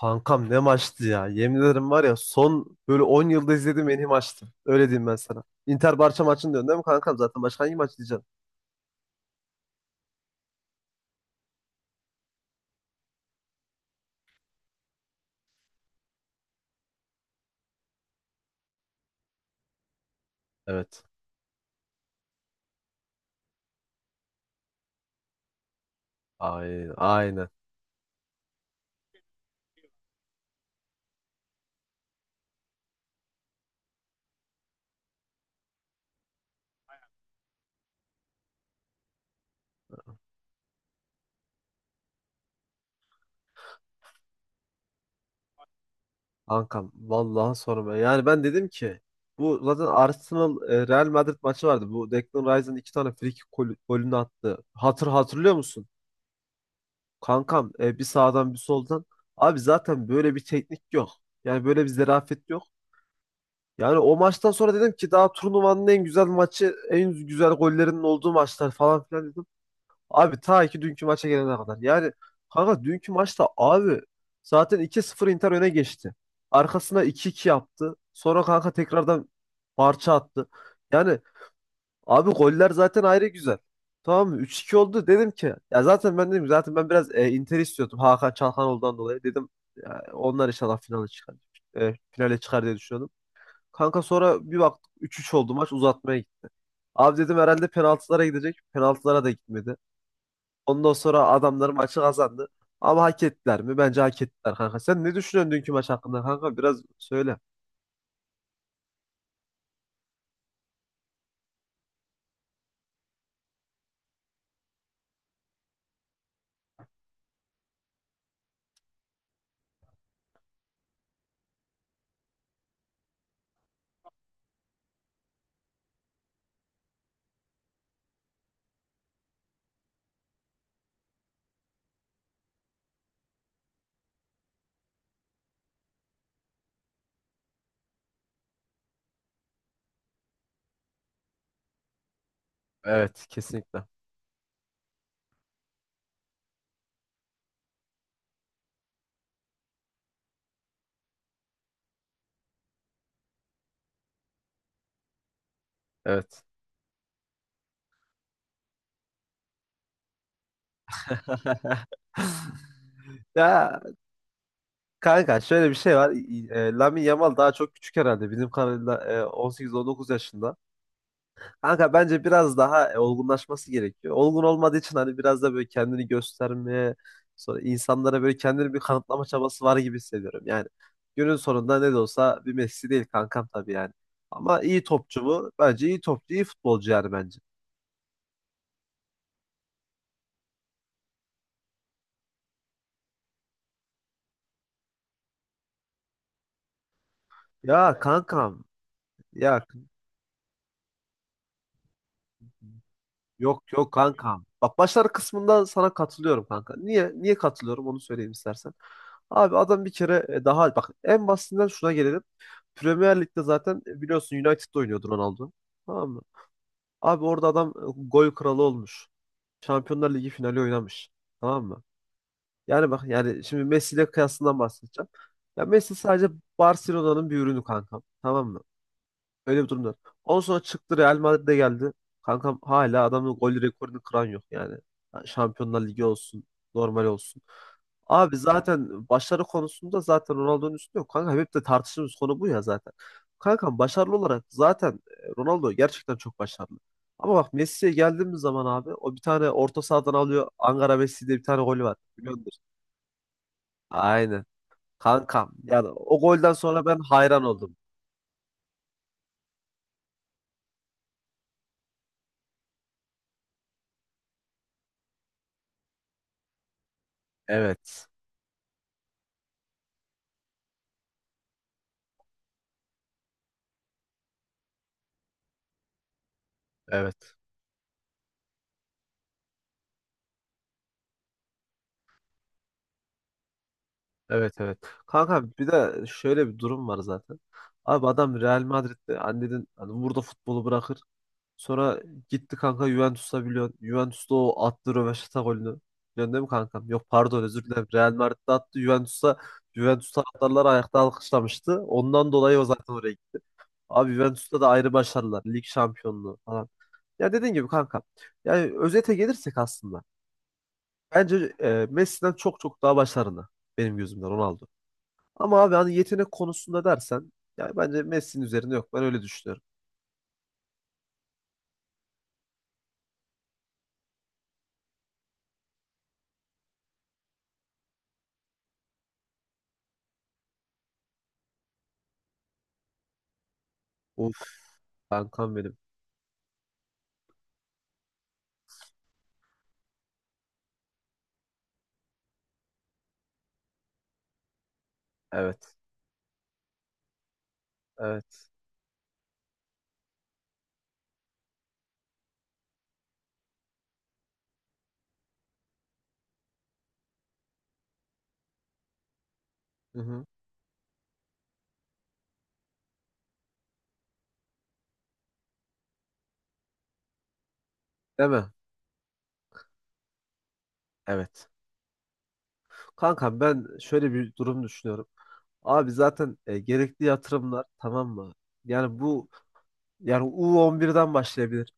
Kankam ne maçtı ya. Yemin ederim var ya son böyle 10 yılda izlediğim en iyi maçtı. Öyle diyeyim ben sana. Inter Barça maçını diyorsun değil mi kankam? Zaten başka hangi maç diyeceksin? Evet. Aynen. Aynen. Kankam vallahi sorma. Yani ben dedim ki bu zaten Arsenal Real Madrid maçı vardı. Bu Declan Rice'ın iki tane free kick golünü attı. Hatırlıyor musun? Kankam bir sağdan bir soldan. Abi zaten böyle bir teknik yok. Yani böyle bir zerafet yok. Yani o maçtan sonra dedim ki daha turnuvanın en güzel maçı, en güzel gollerinin olduğu maçlar falan filan dedim. Abi ta ki dünkü maça gelene kadar. Yani kanka dünkü maçta abi zaten 2-0 Inter öne geçti. Arkasına 2-2 yaptı. Sonra kanka tekrardan parça attı. Yani abi goller zaten ayrı güzel. Tamam mı? 3-2 oldu dedim ki ya zaten ben dedim zaten ben biraz Inter istiyordum Hakan Çalhanoğlu'ndan dolayı dedim ya onlar inşallah finale çıkar. Finale çıkar diye düşünüyordum. Kanka sonra bir baktık üç üç oldu, maç uzatmaya gitti. Abi dedim herhalde penaltılara gidecek. Penaltılara da gitmedi. Ondan sonra adamlar maçı kazandı. Ama hak ettiler mi? Bence hak ettiler kanka. Sen ne düşünüyorsun dünkü maç hakkında kanka? Biraz söyle. Evet, kesinlikle. Evet. Ya kanka şöyle bir şey var. Lamine Yamal daha çok küçük herhalde. Bizim kadarıyla 18-19 yaşında. Kanka bence biraz daha olgunlaşması gerekiyor. Olgun olmadığı için hani biraz da böyle kendini göstermeye, sonra insanlara böyle kendini bir kanıtlama çabası var gibi hissediyorum. Yani günün sonunda ne de olsa bir Messi değil kankam tabii yani. Ama iyi topçu bu. Bence iyi topçu, iyi futbolcu yani bence. Ya kankam, ya yok yok kankam. Bak başlar kısmında sana katılıyorum kanka. Niye katılıyorum onu söyleyeyim istersen. Abi adam bir kere daha bak en basitinden şuna gelelim. Premier Lig'de zaten biliyorsun United'da oynuyordu Ronaldo. Tamam mı? Abi orada adam gol kralı olmuş. Şampiyonlar Ligi finali oynamış. Tamam mı? Yani bak yani şimdi Messi ile kıyasından bahsedeceğim. Ya Messi sadece Barcelona'nın bir ürünü kankam. Tamam mı? Öyle bir durumda. Ondan sonra çıktı Real Madrid'e geldi. Kankam hala adamın gol rekorunu kıran yok yani. Şampiyonlar Ligi olsun, normal olsun. Abi zaten başarı konusunda zaten Ronaldo'nun üstünde yok. Kanka hep de tartıştığımız konu bu ya zaten. Kankam başarılı olarak zaten Ronaldo gerçekten çok başarılı. Ama bak Messi'ye geldiğimiz zaman abi o bir tane orta sahadan alıyor. Ankara Messi diye bir tane golü var. Biliyordur. Aynen. Kankam yani o golden sonra ben hayran oldum. Evet. Evet. Evet evet. Kanka bir de şöyle bir durum var zaten. Abi adam Real Madrid'de annenin hani burada futbolu bırakır. Sonra gitti kanka Juventus'a biliyorsun. Juventus'ta o attı röveşata golünü. Biliyorsun değil mi kankam? Yok pardon özür dilerim. Real Madrid'de attı Juventus'a. Juventus taraftarlar ayakta alkışlamıştı. Ondan dolayı o zaten oraya gitti. Abi Juventus'ta da ayrı başarılar. Lig şampiyonluğu falan. Ya dediğin gibi kanka. Yani özete gelirsek aslında. Bence Messi'den çok çok daha başarılı. Benim gözümden Ronaldo. Ama abi hani yetenek konusunda dersen yani bence Messi'nin üzerinde yok. Ben öyle düşünüyorum. Of kankam benim. Evet. Evet. Hı hı. Değil mi? Evet. Kankam ben şöyle bir durum düşünüyorum. Abi zaten gerekli yatırımlar tamam mı? Yani bu yani U11'den başlayabilir.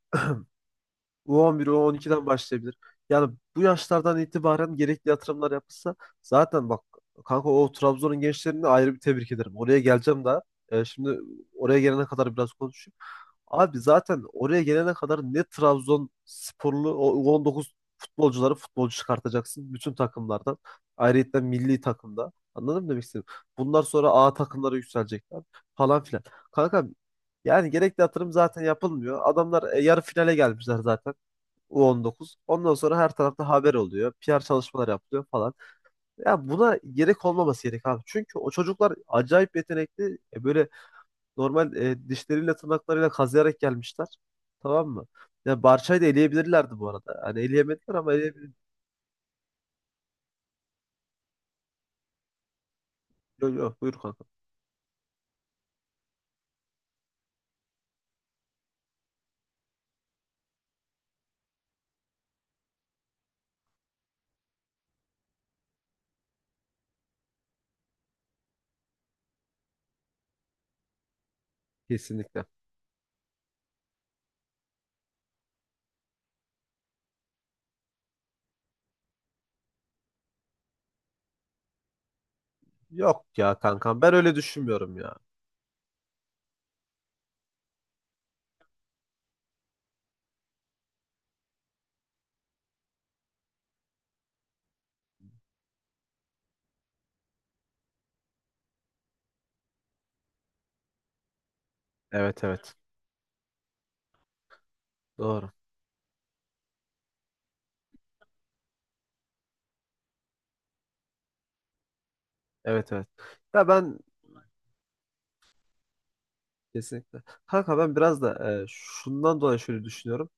U11, U12'den başlayabilir. Yani bu yaşlardan itibaren gerekli yatırımlar yapılsa zaten bak kanka o Trabzon'un gençlerini ayrı bir tebrik ederim. Oraya geleceğim daha. Şimdi oraya gelene kadar biraz konuşuyorum. Abi zaten oraya gelene kadar ne Trabzonsporlu o 19 futbolcuları futbolcu çıkartacaksın bütün takımlardan. Ayrıca milli takımda. Anladın mı demek istedim? Bunlar sonra A takımlara yükselecekler falan filan. Kanka yani gerekli yatırım zaten yapılmıyor. Adamlar yarı finale gelmişler zaten U19. Ondan sonra her tarafta haber oluyor. PR çalışmalar yapılıyor falan. Ya buna gerek olmaması gerek abi. Çünkü o çocuklar acayip yetenekli. Böyle normal dişleriyle tırnaklarıyla kazıyarak gelmişler. Tamam mı? Ya Barça'yı da eleyebilirlerdi bu arada. Hani eleyemediler ama eleyebilir. Yok yok buyur kanka. Kesinlikle. Yok ya kankam ben öyle düşünmüyorum ya. Evet evet. Doğru. Evet evet. Ya ben kesinlikle. Kanka ben biraz da şundan dolayı şöyle düşünüyorum.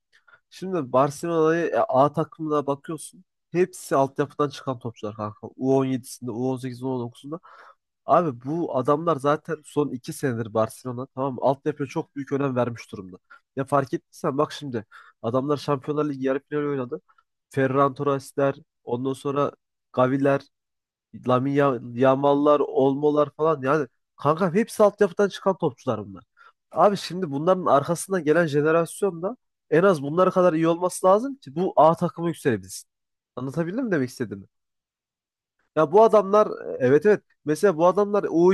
Şimdi Barcelona'yı A takımına bakıyorsun. Hepsi altyapıdan çıkan topçular kanka. U17'sinde, U18'inde, U19'unda. Abi bu adamlar zaten son iki senedir Barcelona tamam mı? Altyapıya çok büyük önem vermiş durumda. Ya fark ettiysen bak şimdi adamlar Şampiyonlar Ligi yarı finali oynadı. Ferran Torres'ler, ondan sonra Gavi'ler, Yamal'lar, Olmo'lar falan yani kanka hepsi altyapıdan çıkan topçular bunlar. Abi şimdi bunların arkasından gelen jenerasyon da en az bunlara kadar iyi olması lazım ki bu A takımı yükselebilsin. Anlatabildim mi demek istediğimi? Ya bu adamlar evet evet mesela bu adamlar o.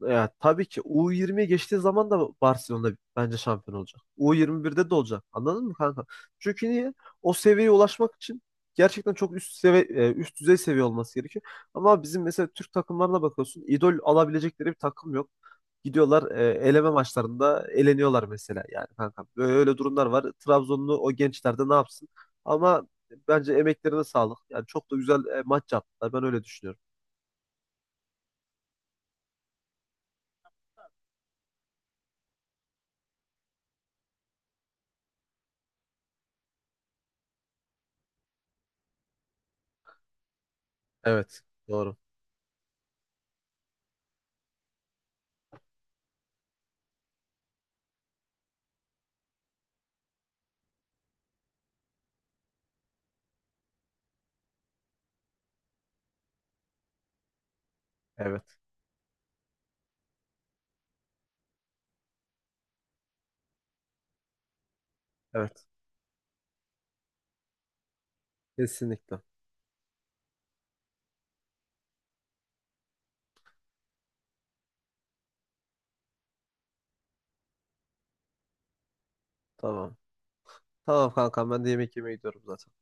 Ya, tabii ki U20'ye geçtiği zaman da Barcelona bence şampiyon olacak. U21'de de olacak. Anladın mı kanka? Çünkü niye? O seviyeye ulaşmak için gerçekten çok üst seviye üst düzey seviye olması gerekiyor. Ama bizim mesela Türk takımlarına bakıyorsun. İdol alabilecekleri bir takım yok. Gidiyorlar eleme maçlarında eleniyorlar mesela yani kanka. Böyle durumlar var. Trabzonlu o gençler de ne yapsın? Ama bence emeklerine sağlık. Yani çok da güzel maç yaptılar. Ben öyle düşünüyorum. Evet. Doğru. Evet. Evet. Kesinlikle. Tamam. Tamam kankam ben de yemek yemeye gidiyorum zaten.